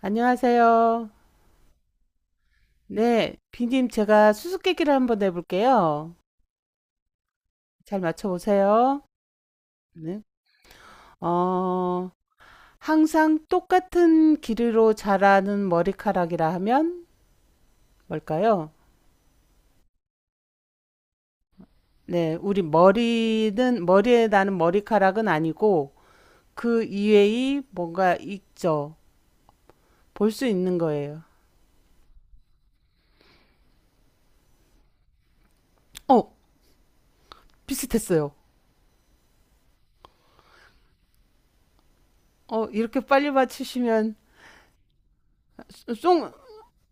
안녕하세요. 네, 비님 제가 수수께끼를 한번 내볼게요. 잘 맞춰보세요. 네. 어, 항상 똑같은 길이로 자라는 머리카락이라 하면 뭘까요? 네, 머리에 나는 머리카락은 아니고 그 이외의 뭔가 있죠. 볼 수 있는 거예요. 어, 비슷했어요. 어, 이렇게 빨리 맞추시면, 쏭,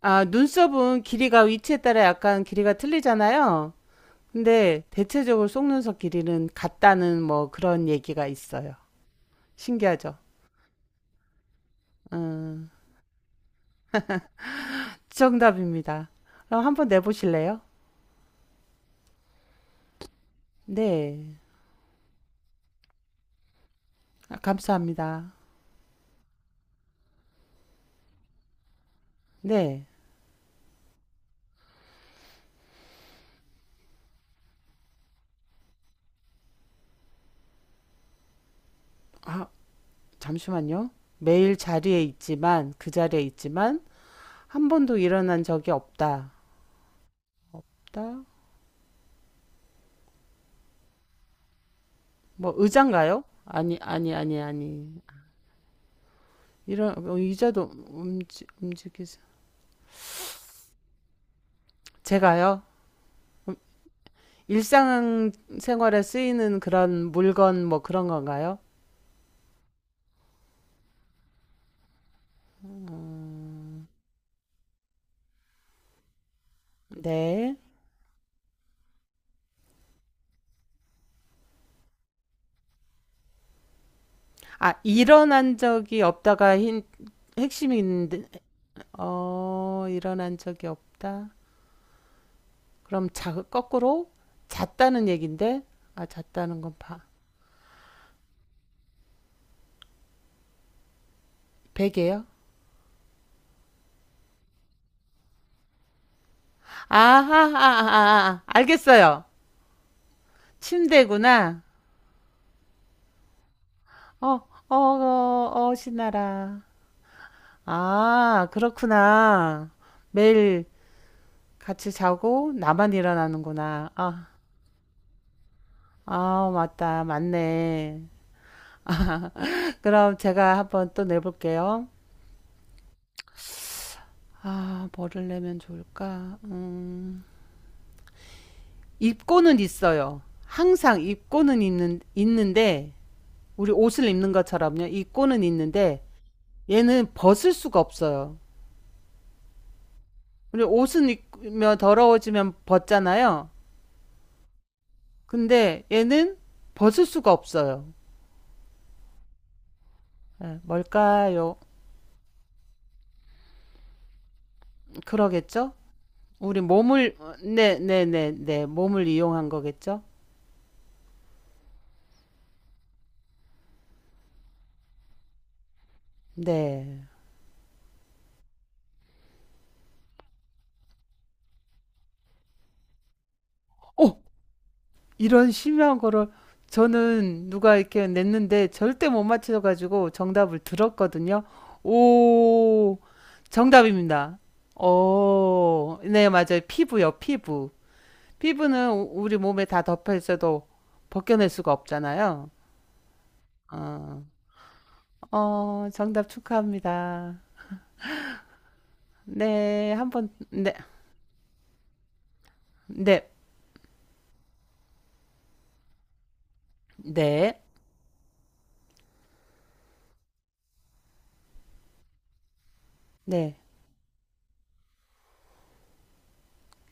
아, 눈썹은 길이가 위치에 따라 약간 길이가 틀리잖아요. 근데 대체적으로 속눈썹 길이는 같다는 뭐 그런 얘기가 있어요. 신기하죠? 음, 정답입니다. 그럼 한번 내보실래요? 네. 아, 감사합니다. 네. 아, 잠시만요. 매일 자리에 있지만, 한 번도 일어난 적이 없다. 없다? 뭐, 의자인가요? 아니, 아니, 아니, 아니. 이런, 어, 의자도 움직이지. 제가요? 일상생활에 쓰이는 그런 물건 뭐 그런 건가요? 네. 아, 일어난 적이 없다가 힌, 핵심인데, 어, 일어난 적이 없다. 그럼 자, 거꾸로 잤다는 얘긴데, 아, 잤다는 건 봐. 베개요? 아하, 하하 아, 아. 아. 알겠어요. 침대구나. 어, 어, 신나라. 아, 그렇구나. 매일 같이 자고 나만 일어나는구나. 아. 아, 맞다. 맞네. 그럼 제가 한번 또 내볼게요. 아, 뭐를 내면 좋을까? 입고는 있어요. 항상 입고는 있는, 있는데, 우리 옷을 입는 것처럼요. 입고는 있는데, 얘는 벗을 수가 없어요. 우리 옷은 입으면 더러워지면 벗잖아요. 근데 얘는 벗을 수가 없어요. 예, 뭘까요? 그러겠죠? 우리 몸을, 네, 몸을 이용한 거겠죠? 네. 어, 이런 심한 거를 저는 누가 이렇게 냈는데 절대 못 맞춰가지고 정답을 들었거든요. 오, 정답입니다. 어, 네, 맞아요. 피부요, 피부. 피부는 우리 몸에 다 덮여 있어도 벗겨낼 수가 없잖아요. 어, 어, 정답 축하합니다. 네, 한번, 네, 네, 네, 네.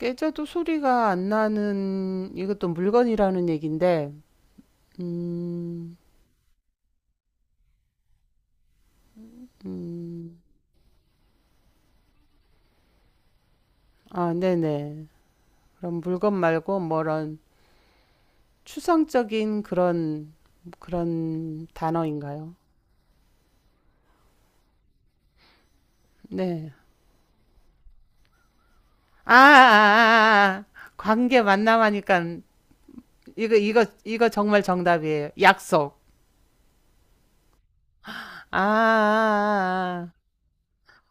깨져도 소리가 안 나는 이것도 물건이라는 얘기인데, 음, 음. 아, 네네. 그럼 물건 말고 뭐런 추상적인 그런 그런 단어인가요? 네. 아. 관계 만남하니까 이거 정말 정답이에요. 약속. 아, 아,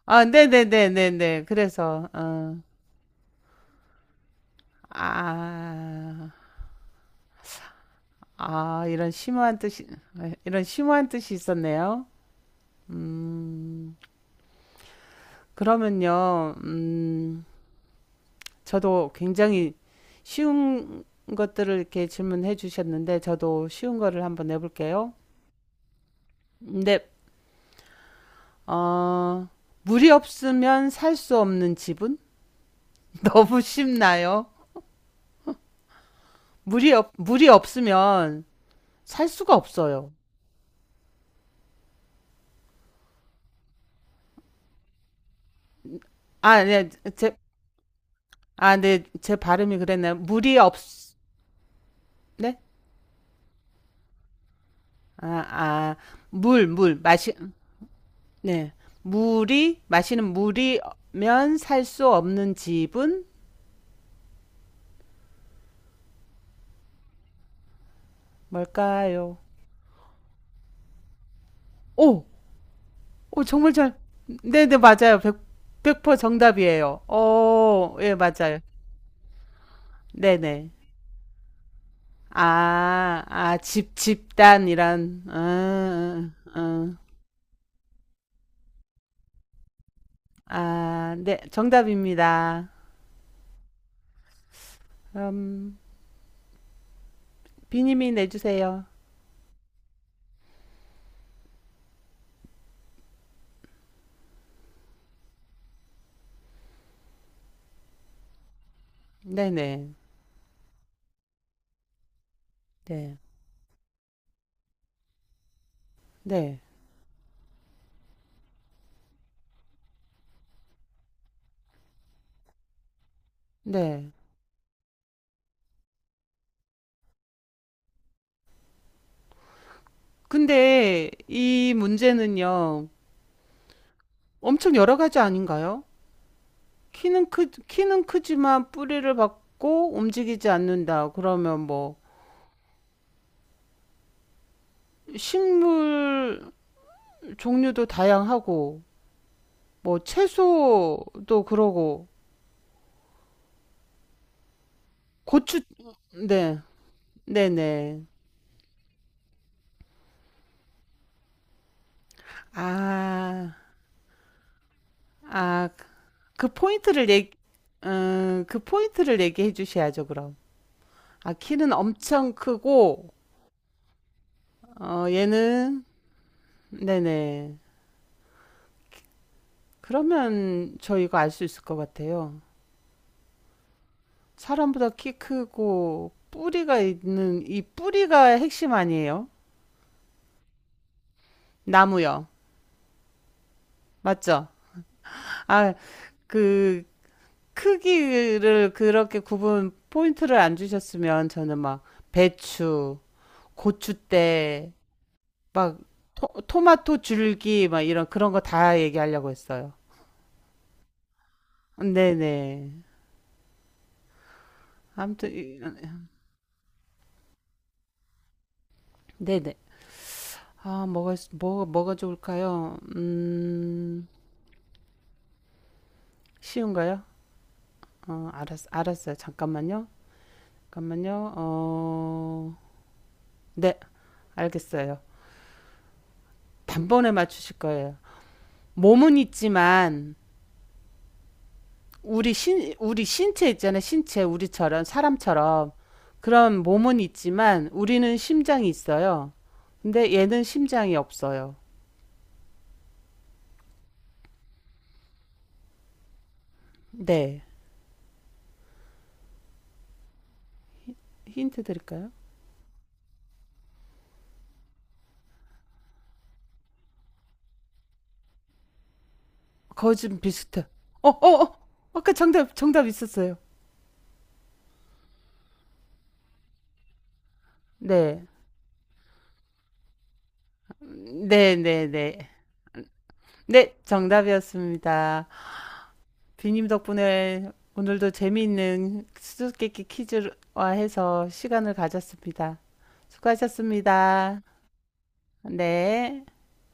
아, 네네네네네. 그래서 어, 아, 아, 이런 심오한 뜻이 이런 심오한 뜻이 있었네요. 음, 그러면요. 음. 저도 굉장히 쉬운 것들을 이렇게 질문해 주셨는데 저도 쉬운 거를 한번 내볼게요. 네, 어, 물이 없으면 살 수 없는 집은 너무 쉽나요? 물이 없으면 살 수가 없어요. 아, 네, 제, 아, 네, 제 발음이 그랬나요? 물이 없, 네, 아, 아, 물 마시, 네, 물이 마시는 물이면 살 수 없는 집은 뭘까요? 오, 어, 정말 잘. 네네, 맞아요. 100, 정답이에요. 어, 예, 맞아요. 네네. 집, 집단이란, 아, 네, 정답입니다. 음, 비님이 내주세요. 네네. 네, 네, 네. 네. 근데 이 문제는요, 엄청 여러 가지 아닌가요? 키는 크지만 뿌리를 박고 움직이지 않는다. 그러면 뭐, 식물 종류도 다양하고 뭐 채소도 그러고 고추 네. 네네. 아, 아, 그 포인트를 얘기, 그 포인트를 얘기해 주셔야죠, 그럼. 아, 키는 엄청 크고, 어, 얘는, 네네. 그러면 저희가 알 수 있을 것 같아요. 사람보다 키 크고, 이 뿌리가 핵심 아니에요? 나무요. 맞죠? 아, 그 크기를 그렇게 구분 포인트를 안 주셨으면 저는 막 배추, 고추대, 막 마토 줄기 막 이런 그런 거 다 얘기하려고 했어요. 네네. 아무튼 이- 네네. 뭐 뭐가 좋을까요? 쉬운가요? 어 알았어요. 잠깐만요. 잠깐만요. 어 네 알겠어요. 단번에 맞추실 거예요. 몸은 있지만 우리 신체 있잖아요. 신체, 우리처럼, 사람처럼. 그런 몸은 있지만, 우리는 심장이 있어요. 근데 얘는 심장이 없어요. 네. 힌트 드릴까요? 거의 좀 비슷해. 어, 어, 어! 정답 있었어요. 네. 네, 네, 네. 네, 정답이었습니다. 비님 덕분에 오늘도 재미있는 수수께끼 퀴즈와 해서 시간을 가졌습니다. 수고하셨습니다. 네.